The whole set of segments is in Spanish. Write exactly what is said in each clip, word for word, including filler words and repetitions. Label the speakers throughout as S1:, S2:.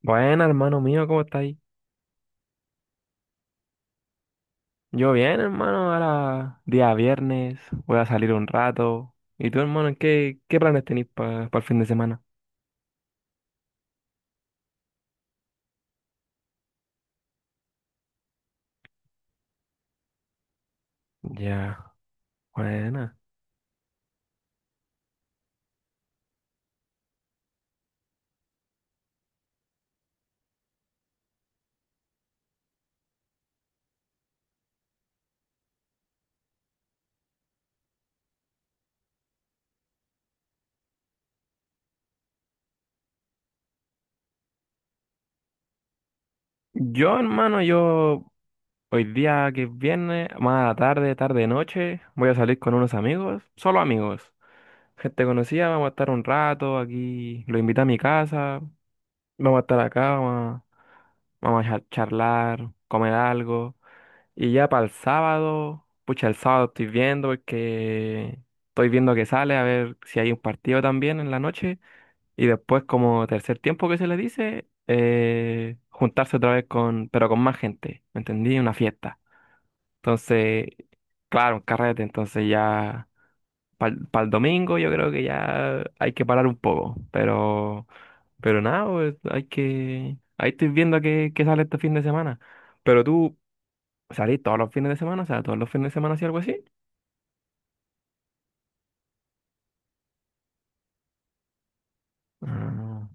S1: Bueno, hermano mío, ¿cómo estáis? Yo bien, hermano, ahora día viernes, voy a salir un rato. ¿Y tú, hermano, qué, qué planes tenéis para el fin de semana? Ya, buena. Yo, hermano, yo hoy día que es viernes, más a la tarde, tarde, noche, voy a salir con unos amigos, solo amigos, gente conocida, vamos a estar un rato aquí, lo invito a mi casa, vamos a estar acá, vamos a, vamos a char- charlar, comer algo. Y ya para el sábado, pucha, el sábado estoy viendo porque estoy viendo que sale a ver si hay un partido también en la noche. Y después, como tercer tiempo que se le dice, eh, juntarse otra vez con, pero con más gente, ¿me entendí? Una fiesta. Entonces, claro, un carrete. Entonces ya para el domingo yo creo que ya hay que parar un poco. Pero, pero nada, pues, hay que... Ahí estoy viendo que, que sale este fin de semana. Pero tú... ¿Salí todos los fines de semana? O sea, todos los fines de semana, si algo así. Ah,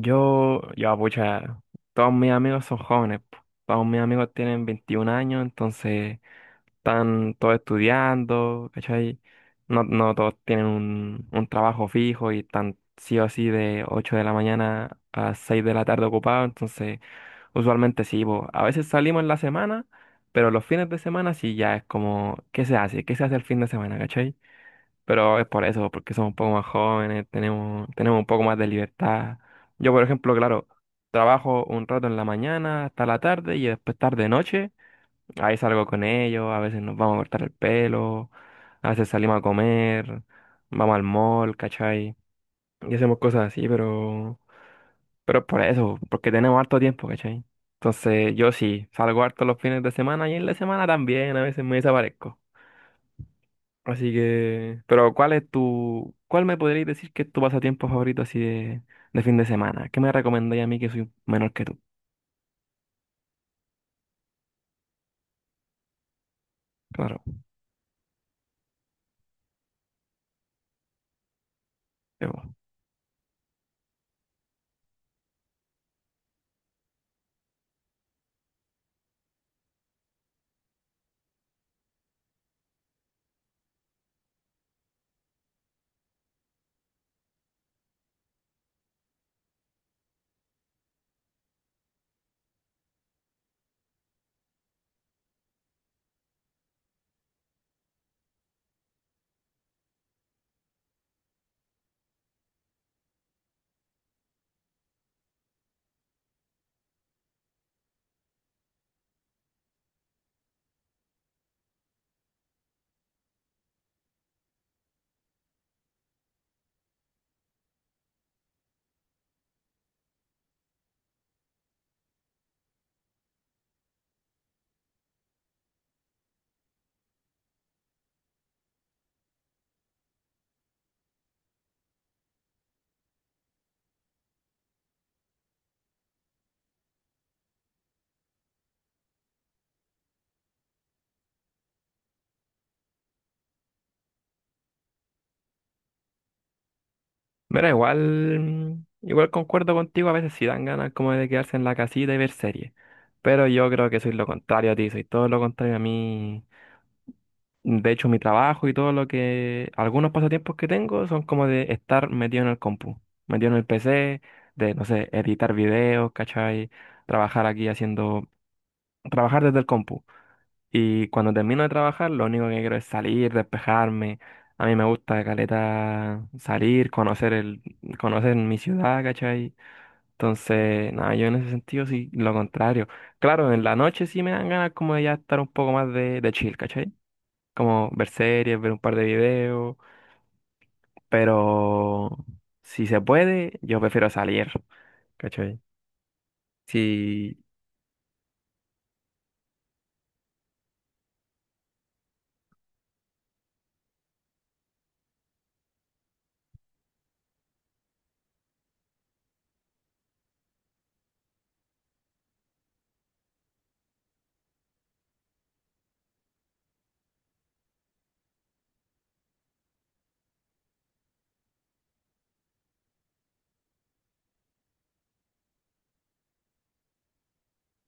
S1: Yo, yo, pucha, todos mis amigos son jóvenes. Po. Todos mis amigos tienen veintiún años, entonces están todos estudiando, ¿cachai? No, no todos tienen un, un trabajo fijo y están sí o sí de ocho de la mañana a seis de la tarde ocupados, entonces usualmente sí, po. A veces salimos en la semana, pero los fines de semana sí ya es como, ¿qué se hace? ¿Qué se hace el fin de semana, ¿cachai? Pero es por eso, porque somos un poco más jóvenes, tenemos, tenemos un poco más de libertad. Yo, por ejemplo, claro, trabajo un rato en la mañana hasta la tarde y después tarde noche. Ahí salgo con ellos, a veces nos vamos a cortar el pelo, a veces salimos a comer, vamos al mall, ¿cachai? Y hacemos cosas así, pero, pero es por eso, porque tenemos harto tiempo, ¿cachai? Entonces yo sí, salgo harto los fines de semana y en la semana también, a veces me desaparezco. Así que, pero ¿cuál es tu, cuál me podrías decir que es tu pasatiempo favorito así de, de fin de semana? ¿Qué me recomendáis a mí que soy menor que tú? Claro, yo. Mira, igual, mm, igual concuerdo contigo, a veces sí dan ganas como de quedarse en la casita y ver series. Pero yo creo que soy lo contrario a ti, soy todo lo contrario a mí. De hecho, mi trabajo y todo lo que, algunos pasatiempos que tengo son como de estar metido en el compu, metido en el P C, de, no sé, editar videos, ¿cachai? Trabajar aquí haciendo trabajar desde el compu. Y cuando termino de trabajar, lo único que quiero es salir, despejarme. A mí me gusta caleta salir, conocer el, conocer mi ciudad, ¿cachai? Entonces, nada, yo en ese sentido sí, lo contrario. Claro, en la noche sí me dan ganas como de ya estar un poco más de, de chill, ¿cachai? Como ver series, ver un par de videos, pero si se puede, yo prefiero salir, ¿cachai? Si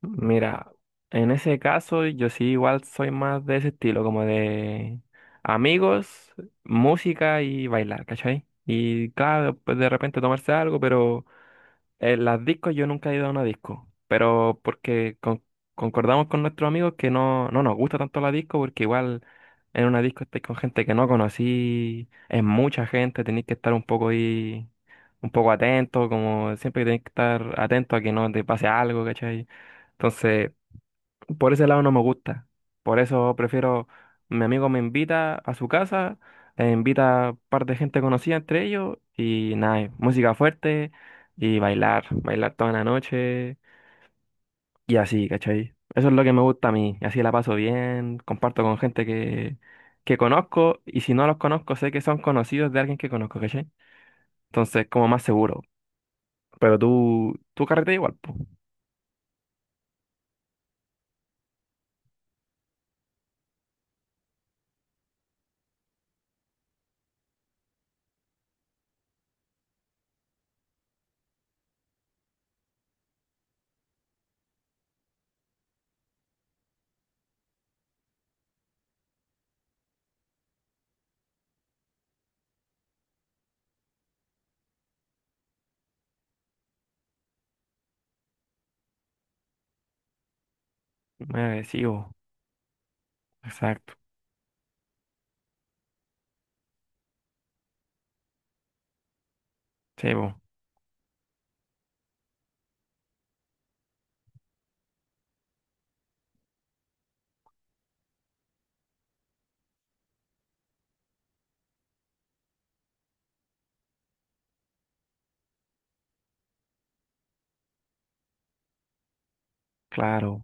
S1: Mira, en ese caso yo sí igual soy más de ese estilo, como de amigos, música y bailar, ¿cachai? Y claro, pues de repente tomarse algo, pero eh, las discos, yo nunca he ido a una disco, pero porque con- concordamos con nuestros amigos que no, no nos gusta tanto la disco, porque igual en una disco estáis con gente que no conocí, es mucha gente, tenéis que estar un poco ahí, un poco atento, como siempre tenéis que estar atento a que no te pase algo, ¿cachai? Entonces, por ese lado no me gusta. Por eso prefiero, mi amigo me invita a su casa, eh, invita a un par de gente conocida entre ellos y nada, eh, música fuerte y bailar, bailar toda la noche y así, ¿cachai? Eso es lo que me gusta a mí, así la paso bien, comparto con gente que, que conozco y si no los conozco sé que son conocidos de alguien que conozco, ¿cachai? Entonces como más seguro. Pero tú, tú carreteas igual, pues. Me agresivo, exacto. Sí, po, claro.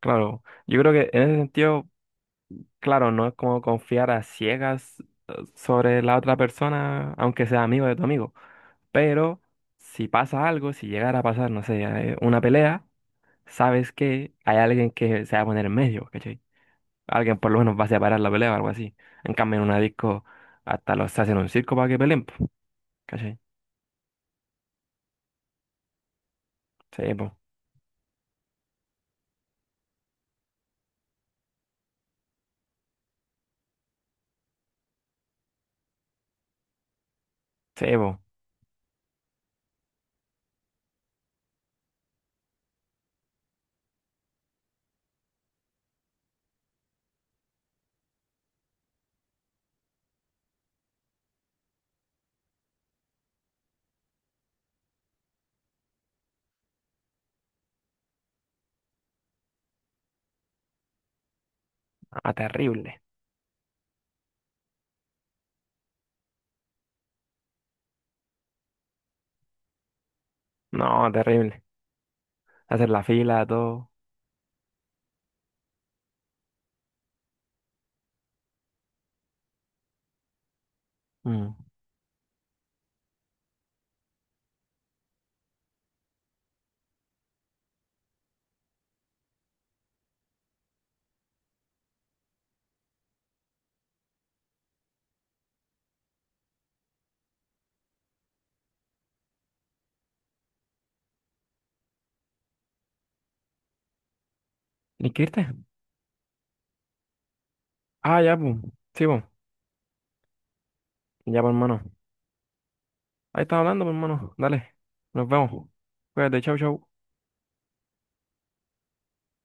S1: Claro, yo creo que en ese sentido, claro, no es como confiar a ciegas eh, sobre la otra persona, aunque sea amigo de tu amigo, pero si pasa algo, si llegara a pasar, no sé, eh, una pelea, sabes que hay alguien que se va a poner en medio, ¿cachai? Alguien por lo menos va a separar la pelea o algo así. En cambio, en una disco, hasta los hacen un circo para que peleen, po, ¿cachai? Sí, po, sí, po. Ah, terrible. No, terrible. Hacer la fila, todo. Mm. ¿Inscribirte? Ah, ya, pues. Sí, po. Ya, pues, hermano. Ahí estás hablando, pues, hermano. Dale. Nos vemos. Cuídate, chau, chau.